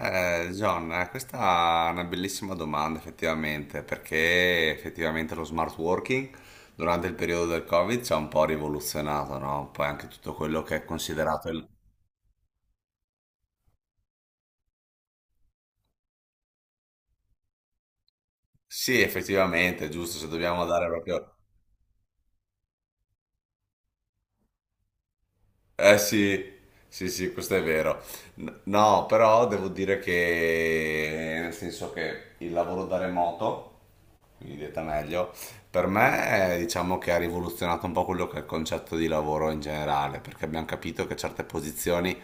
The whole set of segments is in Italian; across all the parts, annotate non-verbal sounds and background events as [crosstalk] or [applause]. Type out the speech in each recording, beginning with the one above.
John, questa è una bellissima domanda effettivamente, perché effettivamente lo smart working durante il periodo del Covid ci ha un po' rivoluzionato, no? Poi anche tutto quello che è considerato il. Sì, effettivamente, giusto, se dobbiamo dare proprio. Eh sì, sì, sì, questo è vero. No, però devo dire che, nel senso che il lavoro da remoto mi dite meglio. Per me, diciamo che ha rivoluzionato un po' quello che è il concetto di lavoro in generale, perché abbiamo capito che certe posizioni,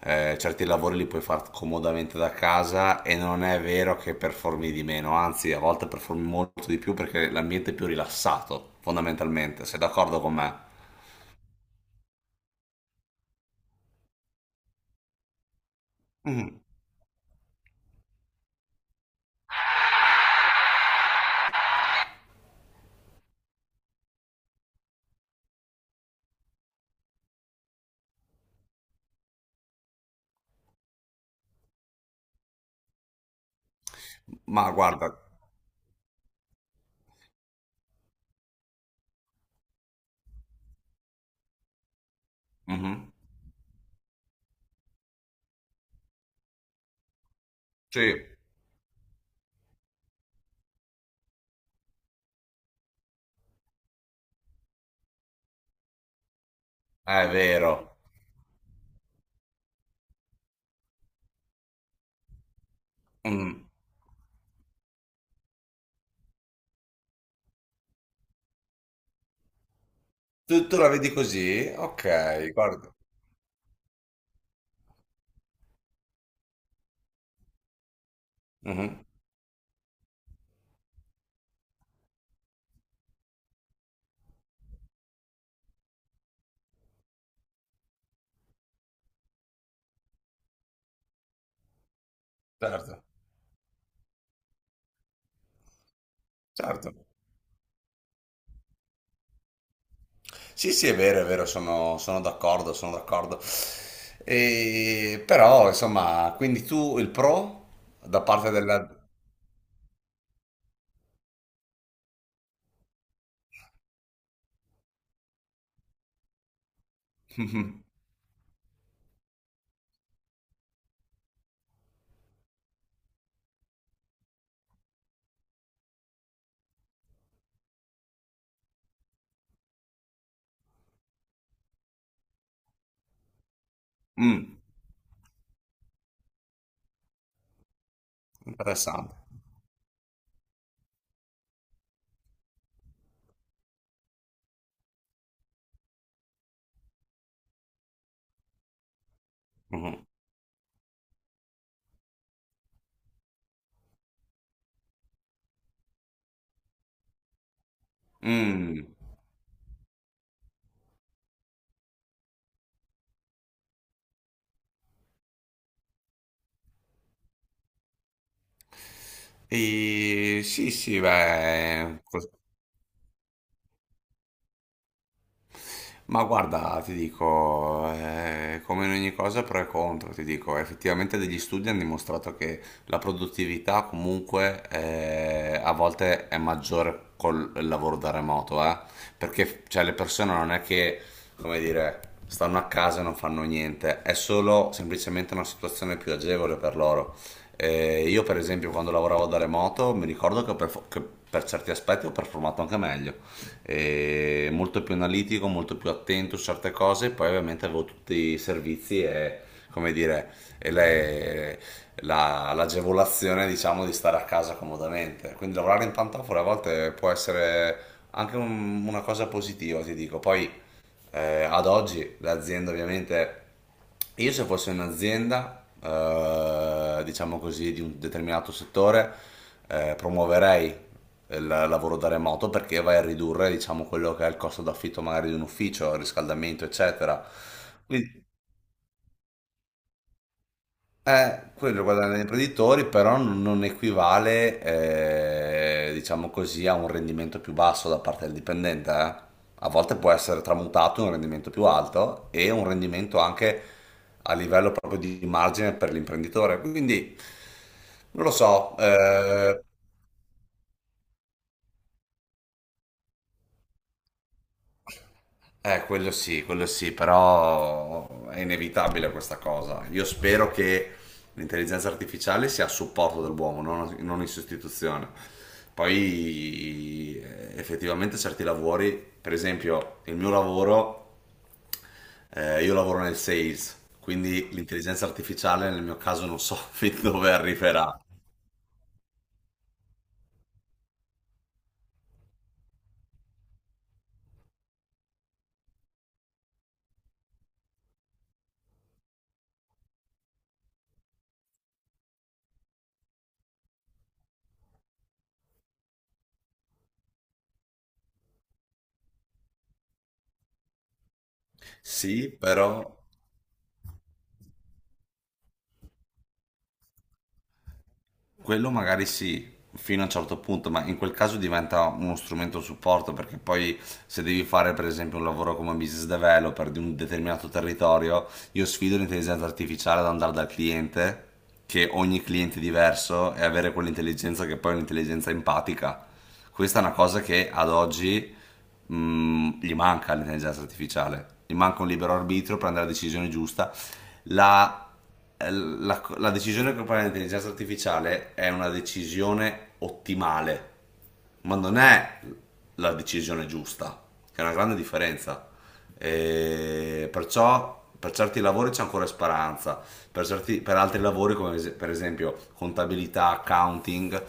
certi lavori li puoi fare comodamente da casa e non è vero che performi di meno, anzi, a volte performi molto di più perché l'ambiente è più rilassato, fondamentalmente. Sei d'accordo con me? Mm, ma guarda. Mhm. Sì, è vero. Mm. Tu la vedi così? Ok, guarda. Mhm. Certo, certo. Sì, sì, è vero, sono d'accordo, sono d'accordo. E, però, insomma, quindi tu il pro da parte della. [laughs] Mm, interessante. Mhm. Mm. E, sì, sì, beh, ma guarda, ti dico, come in ogni cosa pro e contro, ti dico, effettivamente degli studi hanno dimostrato che la produttività comunque a volte è maggiore col lavoro da remoto, perché cioè, le persone non è che, come dire, stanno a casa e non fanno niente, è solo semplicemente una situazione più agevole per loro. Io per esempio quando lavoravo da remoto mi ricordo che per certi aspetti ho performato anche meglio, molto più analitico, molto più attento su certe cose. Poi ovviamente avevo tutti i servizi e, come dire, e l'agevolazione diciamo di stare a casa comodamente. Quindi lavorare in pantofole a volte può essere anche una cosa positiva, ti dico. Poi ad oggi l'azienda ovviamente, io se fossi un'azienda, diciamo così, di un determinato settore, promuoverei il lavoro da remoto perché vai a ridurre, diciamo, quello che è il costo d'affitto magari di un ufficio, il riscaldamento, eccetera. Quindi, quello guadagna gli imprenditori, però non equivale, diciamo così, a un rendimento più basso da parte del dipendente. A volte può essere tramutato in un rendimento più alto e un rendimento anche a livello proprio di margine per l'imprenditore. Quindi non lo so. Quello sì, quello sì, però è inevitabile questa cosa. Io spero che l'intelligenza artificiale sia a supporto dell'uomo, non in sostituzione. Poi effettivamente certi lavori, per esempio il mio lavoro, io lavoro nel sales, quindi l'intelligenza artificiale nel mio caso non so [laughs] fin dove arriverà. Sì, però. Quello magari sì, fino a un certo punto, ma in quel caso diventa uno strumento supporto perché poi se devi fare per esempio un lavoro come business developer di un determinato territorio, io sfido l'intelligenza artificiale ad andare dal cliente, che ogni cliente è diverso, e avere quell'intelligenza che poi è un'intelligenza empatica. Questa è una cosa che ad oggi gli manca all'intelligenza artificiale, gli manca un libero arbitrio, prendere la decisione giusta. La la decisione che prende l'intelligenza artificiale è una decisione ottimale, ma non è la decisione giusta, che è una grande differenza. E perciò per certi lavori c'è ancora speranza, per altri lavori come per esempio contabilità, accounting,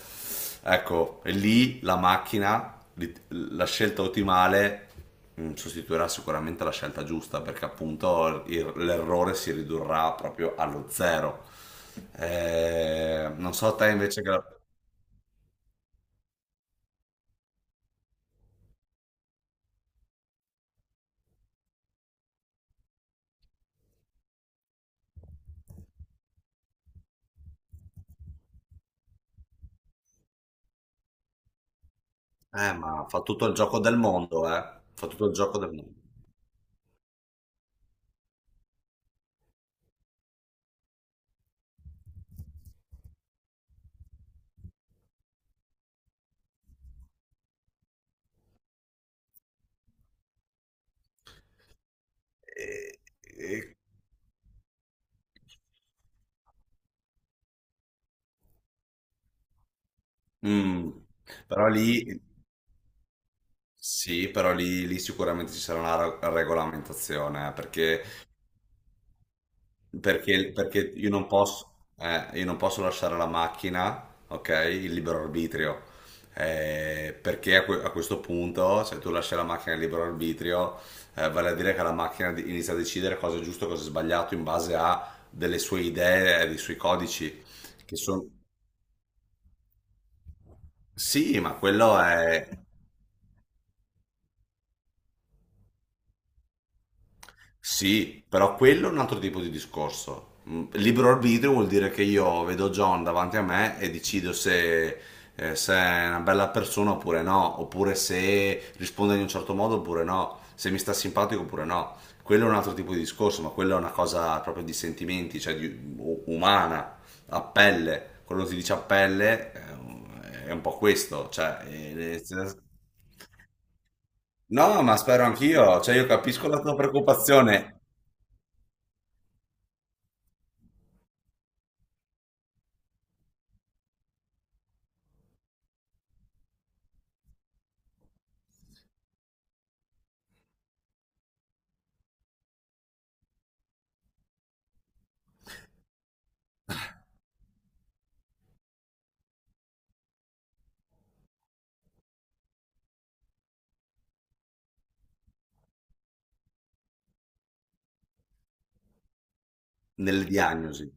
ecco. E lì la macchina, la scelta ottimale sostituirà sicuramente la scelta giusta, perché appunto l'errore si ridurrà proprio allo zero. Non so te invece che. Ma fa tutto il gioco del mondo, eh. Fa tutto il gioco del mondo. E- e- mm. Però lì, sì, però lì sicuramente ci sarà una regolamentazione, perché perché io non posso lasciare alla macchina, ok, il libero arbitrio. Perché a questo punto, se tu lasci la macchina il libero arbitrio, vale a dire che la macchina inizia a decidere cosa è giusto e cosa è sbagliato in base a delle sue idee e dei suoi codici, che sono. Sì, ma quello è. Sì, però quello è un altro tipo di discorso. Libero arbitrio vuol dire che io vedo John davanti a me e decido se, se è una bella persona oppure no, oppure se risponde in un certo modo oppure no, se mi sta simpatico oppure no. Quello è un altro tipo di discorso, ma quella è una cosa proprio di sentimenti, cioè umana, a pelle. Quando si dice a pelle, è un po' questo, cioè. No, ma spero anch'io, cioè io capisco la tua preoccupazione. Nelle diagnosi.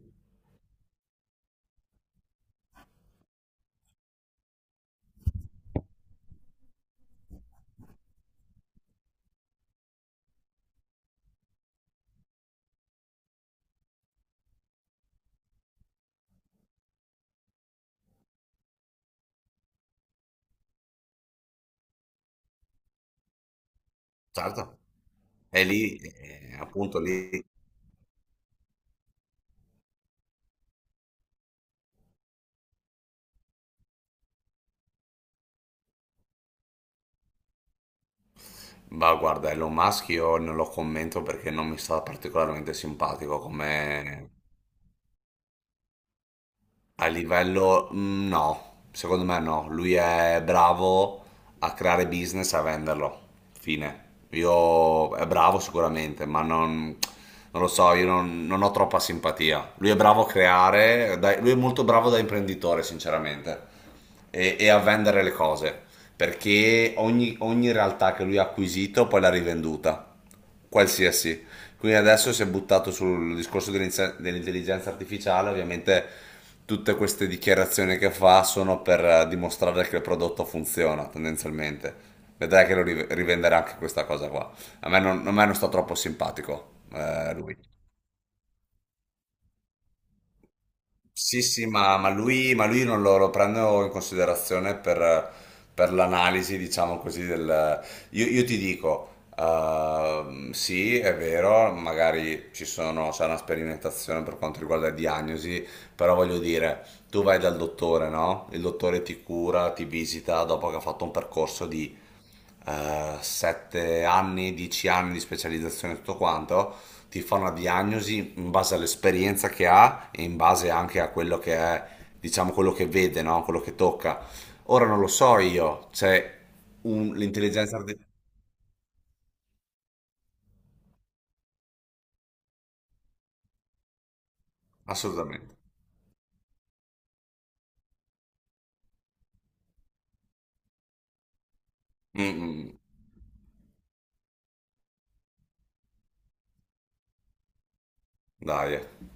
Certo, e lì, appunto, lì, ma guarda, Elon Musk io non lo commento perché non mi sta particolarmente simpatico come. A livello, no, secondo me no. Lui è bravo a creare business e a venderlo. Fine. Io è bravo sicuramente, ma non, non lo so, io non ho troppa simpatia. Lui è bravo a lui è molto bravo da imprenditore, sinceramente, e a vendere le cose, perché ogni realtà che lui ha acquisito poi l'ha rivenduta qualsiasi. Quindi adesso si è buttato sul discorso dell'intelligenza artificiale, ovviamente tutte queste dichiarazioni che fa sono per dimostrare che il prodotto funziona tendenzialmente. Vedrai che lo rivenderà anche questa cosa qua. A me non sta troppo simpatico lui. Sì, sì, ma lui non lo prendo in considerazione per l'analisi, diciamo così, del. Io ti dico, sì, è vero, magari c'è una sperimentazione per quanto riguarda le diagnosi, però voglio dire, tu vai dal dottore, no? Il dottore ti cura, ti visita dopo che ha fatto un percorso di 7 anni, 10 anni di specializzazione e tutto quanto ti fa una diagnosi in base all'esperienza che ha e in base anche a quello che è, diciamo, quello che vede, no? Quello che tocca. Ora non lo so io, c'è l'intelligenza artificiale. Assolutamente. Mm, mm. Mm. Dai.